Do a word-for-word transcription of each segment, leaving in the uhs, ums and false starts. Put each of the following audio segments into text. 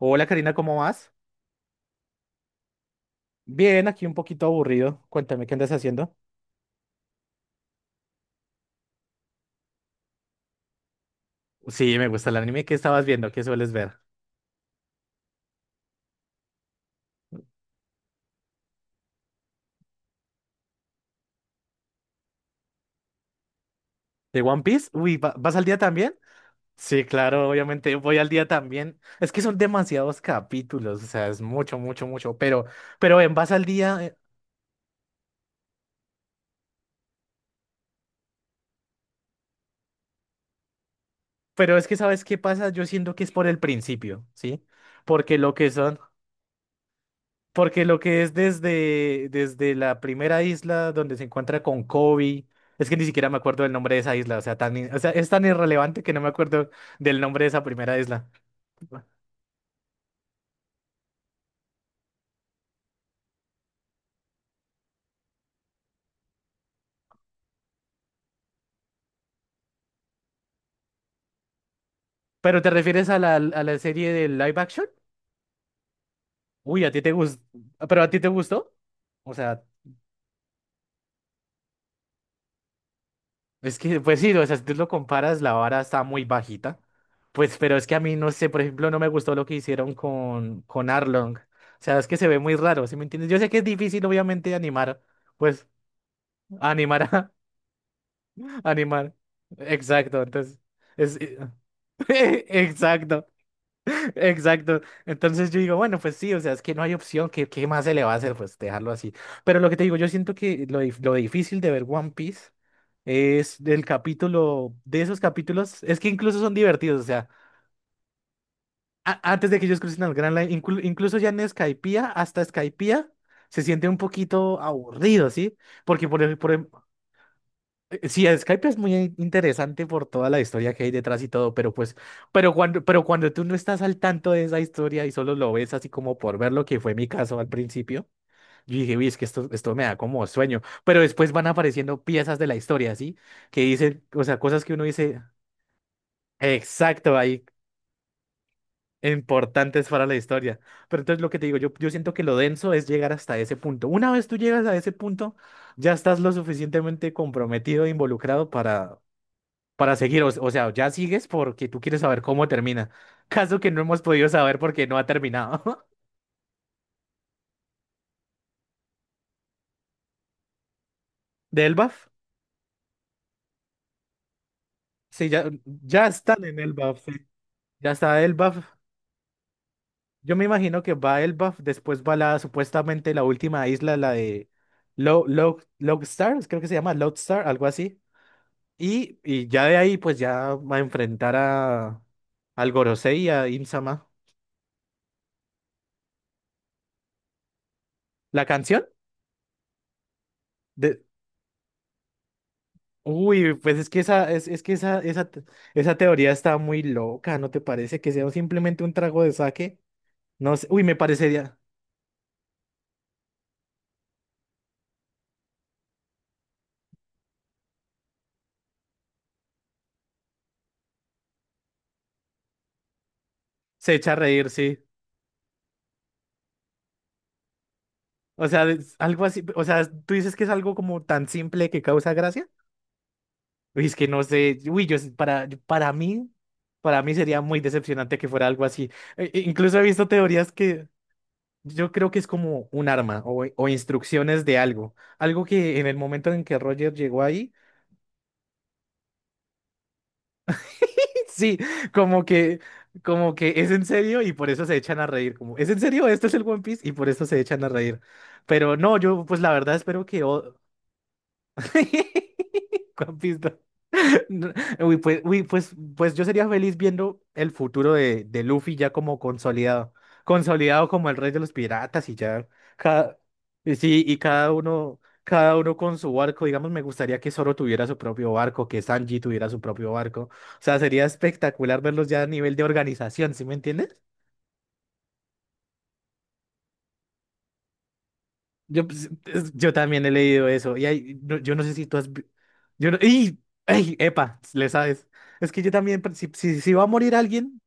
Hola Karina, ¿cómo vas? Bien, aquí un poquito aburrido. Cuéntame qué andas haciendo. Sí, me gusta el anime. ¿Qué estabas viendo? ¿Qué sueles ver? ¿De One Piece? Uy, ¿va- ¿vas al día también? Sí, claro, obviamente voy al día también. Es que son demasiados capítulos, o sea, es mucho, mucho, mucho. Pero, pero ¿en vas al día? eh, Pero es que, ¿sabes qué pasa? Yo siento que es por el principio, ¿sí? Porque lo que son. Porque lo que es desde, desde, la primera isla donde se encuentra con Kobe, es que ni siquiera me acuerdo del nombre de esa isla, o sea, tan, in- o sea, es tan irrelevante que no me acuerdo del nombre de esa primera isla. ¿Pero te refieres a la, a la serie de live action? Uy, a ti te gustó, pero a ti te gustó, o sea, es que, pues sí, o sea, si tú lo comparas, la vara está muy bajita, pues, pero es que a mí, no sé, por ejemplo, no me gustó lo que hicieron con, con Arlong, o sea, es que se ve muy raro, ¿sí me entiendes? Yo sé que es difícil, obviamente, animar, pues, animar a... Animal. Exacto, entonces. Es, exacto, exacto. Entonces yo digo, bueno, pues sí, o sea, es que no hay opción, ¿qué, qué más se le va a hacer? Pues dejarlo así. Pero lo que te digo, yo siento que lo, dif- lo difícil de ver One Piece es del capítulo, de esos capítulos, es que incluso son divertidos, o sea, a- antes de que ellos crucen al Grand Line, inclu- incluso ya en Skypiea, hasta Skypiea, se siente un poquito aburrido, ¿sí? Porque por, ej- por, Eh, Sí, Skype es muy interesante por toda la historia que hay detrás y todo, pero pues, pero cuando, pero cuando, tú no estás al tanto de esa historia y solo lo ves así como por ver lo que fue mi caso al principio, yo dije, uy, es que esto, esto me da como sueño, pero después van apareciendo piezas de la historia, ¿sí? Que dicen, o sea, cosas que uno dice, exacto, ahí, importantes para la historia. Pero entonces lo que te digo, yo, yo, siento que lo denso es llegar hasta ese punto. Una vez tú llegas a ese punto, ya estás lo suficientemente comprometido e involucrado para para seguir. O, o sea, ya sigues porque tú quieres saber cómo termina. Caso que no hemos podido saber porque no ha terminado. ¿De Elbaf? Sí, ya, ya están en Elbaf, sí. Ya está Elbaf. Yo me imagino que va Elbaf, después va la supuestamente la última isla, la de Lo, Lo, Logstar, creo que se llama Logstar, algo así. Y, y ya de ahí, pues ya va a enfrentar a al Gorosei y a Im-sama. La canción de, Uy, pues es que esa, es, es que esa, esa, te- esa teoría está muy loca, ¿no te parece? Que sea simplemente un trago de saque. No sé. Uy, me parecería. Se echa a reír, sí. O sea, es algo así. O sea, tú dices que es algo como tan simple que causa gracia. Uy, es que no sé. Uy, yo, para, para mí, para mí sería muy decepcionante que fuera algo así. E- e incluso he visto teorías que yo creo que es como un arma o, o, instrucciones de algo. Algo que en el momento en que Roger llegó ahí. Sí, como que, como que es en serio y por eso se echan a reír. Como, ¿es en serio? Esto es el One Piece y por eso se echan a reír. Pero no, yo pues la verdad espero que o- Juan Pisto. No, Uy, pues, uy, pues, pues yo sería feliz viendo el futuro de, de Luffy ya como consolidado, consolidado como el rey de los piratas y ya cada, y sí, y cada uno, cada uno con su barco. Digamos, me gustaría que Zoro tuviera su propio barco, que Sanji tuviera su propio barco. O sea, sería espectacular verlos ya a nivel de organización, ¿sí me entiendes? Yo, pues, es- yo también he leído eso. Y hay, no- yo no sé si tú has, vi- Yo no- ¡Ey! ¡Ey! ¡Epa! Le sabes. Es que yo también, pre- si, si, si va a morir alguien,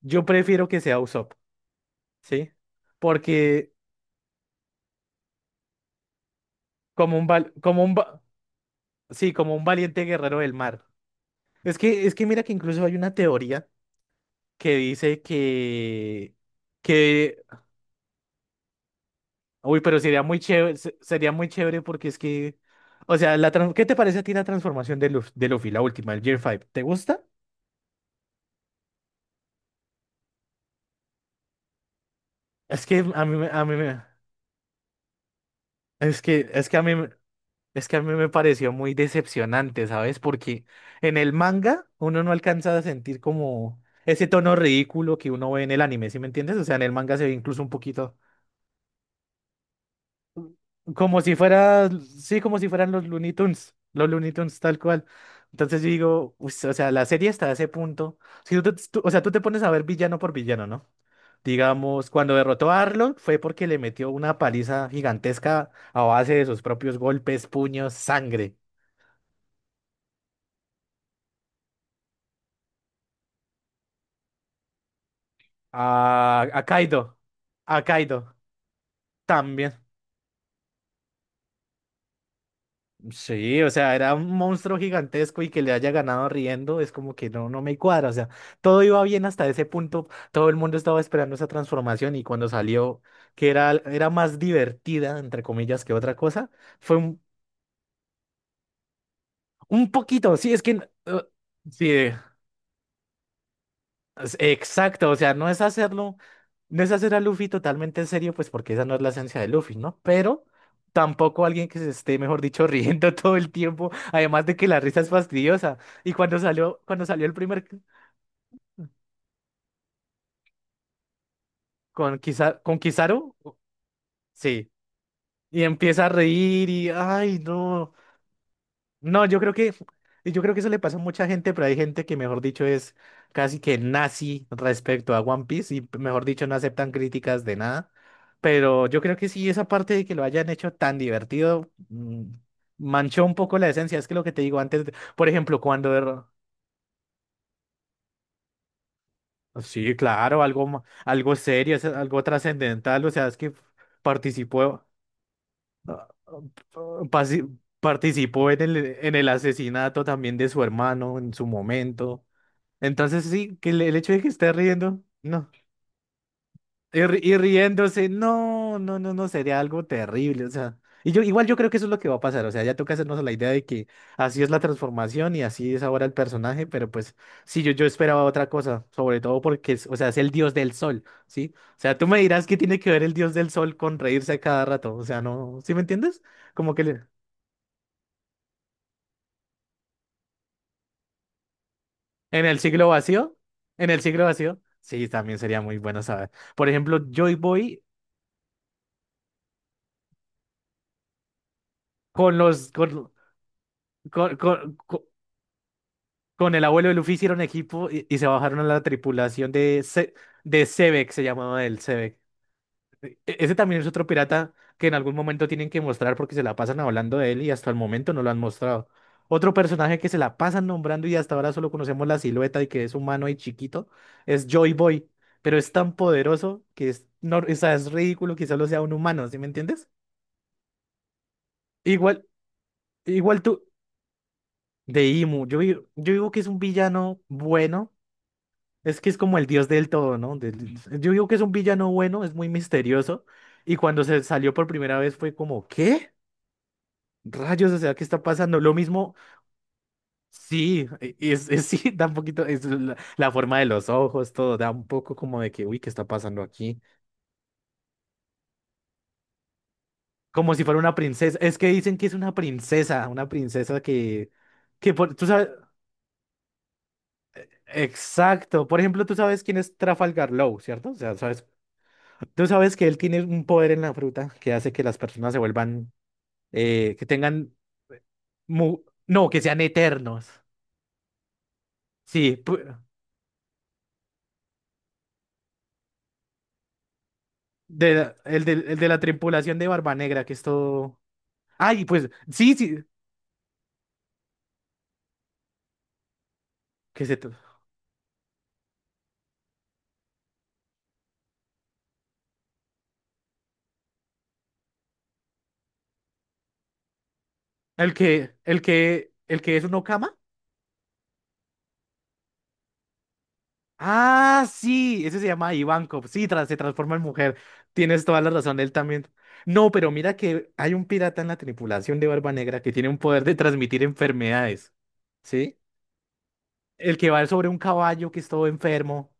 yo prefiero que sea Usopp, ¿sí? Porque como un, val- como un, va- sí, como un valiente guerrero del mar. Es que, es que mira que incluso hay una teoría que dice que, que, uy, pero sería muy chévere, se- sería muy chévere porque es que, o sea, la, tran- ¿qué te parece a ti la transformación de Luffy, de Luffy, la última, el Gear cinco? ¿Te gusta? Es que a mí, me- a mí me, es que, es que a mí, me- es que a mí me pareció muy decepcionante, ¿sabes? Porque en el manga uno no alcanza a sentir como ese tono ridículo que uno ve en el anime, ¿sí me entiendes? O sea, en el manga se ve incluso un poquito como si fuera, sí, como si fueran los Looney Tunes, los Looney Tunes tal cual. Entonces yo digo, "Uy, o sea, la serie está a ese punto. Si tú, te- tú- o sea, tú te pones a ver villano por villano, ¿no? Digamos, cuando derrotó a Arlong fue porque le metió una paliza gigantesca a base de sus propios golpes, puños, sangre. A, a Kaido. A Kaido también. Sí, o sea, era un monstruo gigantesco y que le haya ganado riendo es como que no, no me cuadra. O sea, todo iba bien hasta ese punto. Todo el mundo estaba esperando esa transformación y cuando salió, que era, era, más divertida, entre comillas, que otra cosa, fue un, un poquito. Sí, es que... eh, sí. Es- Exacto, o sea, no es hacerlo, no es hacer a Luffy totalmente en serio, pues porque esa no es la esencia de Luffy, ¿no? Pero tampoco alguien que se esté, mejor dicho, riendo todo el tiempo, además de que la risa es fastidiosa. Y cuando salió, cuando salió, el primer con Kiza- con Kizaru, sí, y empieza a reír y, ay, no. No, yo creo que, yo creo que eso le pasa a mucha gente, pero hay gente que, mejor dicho, es casi que nazi respecto a One Piece y, mejor dicho, no aceptan críticas de nada. Pero yo creo que sí, esa parte de que lo hayan hecho tan divertido, mm, manchó un poco la esencia. Es que lo que te digo antes, de- por ejemplo, cuando... er- Sí, claro, algo, ma- algo serio, es algo trascendental, o sea, es que participó, ah, ah, pasi- participó en el, en el, asesinato también de su hermano en su momento. Entonces sí, que el, el hecho de que esté riendo, no. Y, ri- y riéndose, no, no, no, no, sería algo terrible, o sea. Y yo, igual yo creo que eso es lo que va a pasar, o sea, ya toca hacernos a la idea de que así es la transformación y así es ahora el personaje, pero pues sí, yo, yo esperaba otra cosa, sobre todo porque, es, o sea, es el dios del sol, ¿sí? O sea, tú me dirás que tiene que ver el dios del sol con reírse a cada rato, o sea, no, ¿sí me entiendes? Como que le- en el siglo vacío, en el siglo vacío, sí, también sería muy bueno saber. Por ejemplo, Joy Boy. Con los con, con, con, con- con el abuelo de Luffy hicieron equipo y, y se bajaron a la tripulación de Se- de Sebek, se llamaba el Sebek. E- Ese también es otro pirata que en algún momento tienen que mostrar porque se la pasan hablando de él y hasta el momento no lo han mostrado. Otro personaje que se la pasan nombrando y hasta ahora solo conocemos la silueta y que es humano y chiquito es Joy Boy, pero es tan poderoso que es, no, o sea, es ridículo que solo sea un humano, ¿sí me entiendes? Igual, igual tú. De Imu, yo, digo- yo digo que es un villano bueno, es que es como el dios del todo, ¿no? Del- yo digo que es un villano bueno, es muy misterioso, y cuando se salió por primera vez fue como, ¿qué? Rayos, o sea, ¿qué está pasando? Lo mismo, sí, e- es, es- sí, da un poquito, es la, la, forma de los ojos, todo, da un poco como de que, uy, ¿qué está pasando aquí? Como si fuera una princesa, es que dicen que es una princesa, una princesa que, que por, tú sabes, exacto, por ejemplo, tú sabes quién es Trafalgar Law, ¿cierto? O sea, sabes tú sabes que él tiene un poder en la fruta que hace que las personas se vuelvan, eh, que tengan, mu- no, que sean eternos. Sí, pu- de, la- el, de, el de la tripulación de Barba Negra, que es todo. Ay, pues, sí, sí, que se... to- El que, el que, el que es un Okama. Ah, sí, ese se llama Ivankov. Sí, tras- se transforma en mujer. Tienes toda la razón, él también. No, pero mira que hay un pirata en la tripulación de Barba Negra que tiene un poder de transmitir enfermedades. ¿Sí? El que va sobre un caballo que es todo enfermo.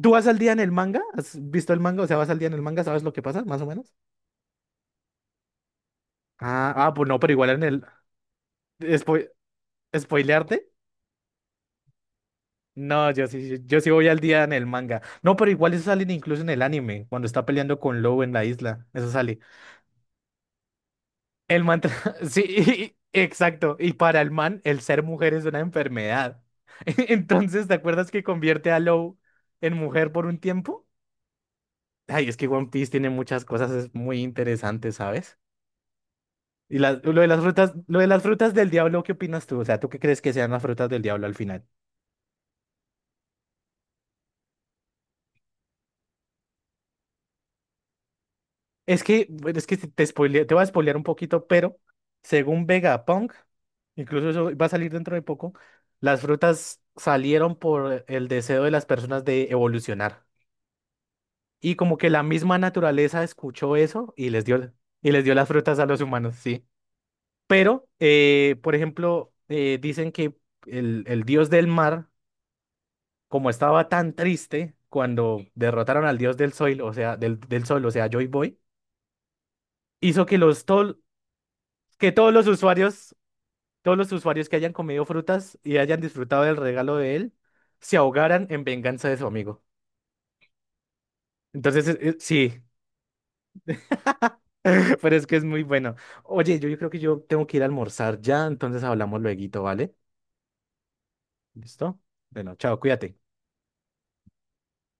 ¿Tú vas al día en el manga? ¿Has visto el manga? O sea, vas al día en el manga, ¿sabes lo que pasa, más o menos? Ah, ah, pues no, pero igual en el... ¿Spo- ¿Spoilearte? No, yo sí, sí, yo sí voy al día en el manga. No, pero igual eso sale incluso en el anime, cuando está peleando con Lou en la isla. Eso sale. El man... tra- Sí, y- exacto. Y para el man, el ser mujer es una enfermedad. Entonces, ¿te acuerdas que convierte a Lou en mujer por un tiempo? Ay, es que One Piece tiene muchas cosas es muy interesantes, ¿sabes? Y las- lo de las frutas, lo de las frutas, del diablo, ¿qué opinas tú? O sea, ¿tú qué crees que sean las frutas del diablo al final? Es que, bueno, es que te te spoile- te voy a spoilear un poquito, pero según Vegapunk, incluso eso va a salir dentro de poco, las frutas salieron por el deseo de las personas de evolucionar. Y como que la misma naturaleza escuchó eso y les dio, y les dio las frutas a los humanos, sí. Pero, eh, por ejemplo, eh, dicen que el, el, dios del mar, como estaba tan triste cuando derrotaron al dios del sol, o sea, del, del, sol, o sea, Joy Boy, hizo que los tol- que todos los usuarios, todos los usuarios que hayan comido frutas y hayan disfrutado del regalo de él, se ahogaran en venganza de su amigo. Entonces, eh, eh, sí, pero es que es muy bueno. Oye, yo, yo, creo que yo tengo que ir a almorzar ya, entonces hablamos lueguito, ¿vale? ¿Listo? Bueno, chao, cuídate.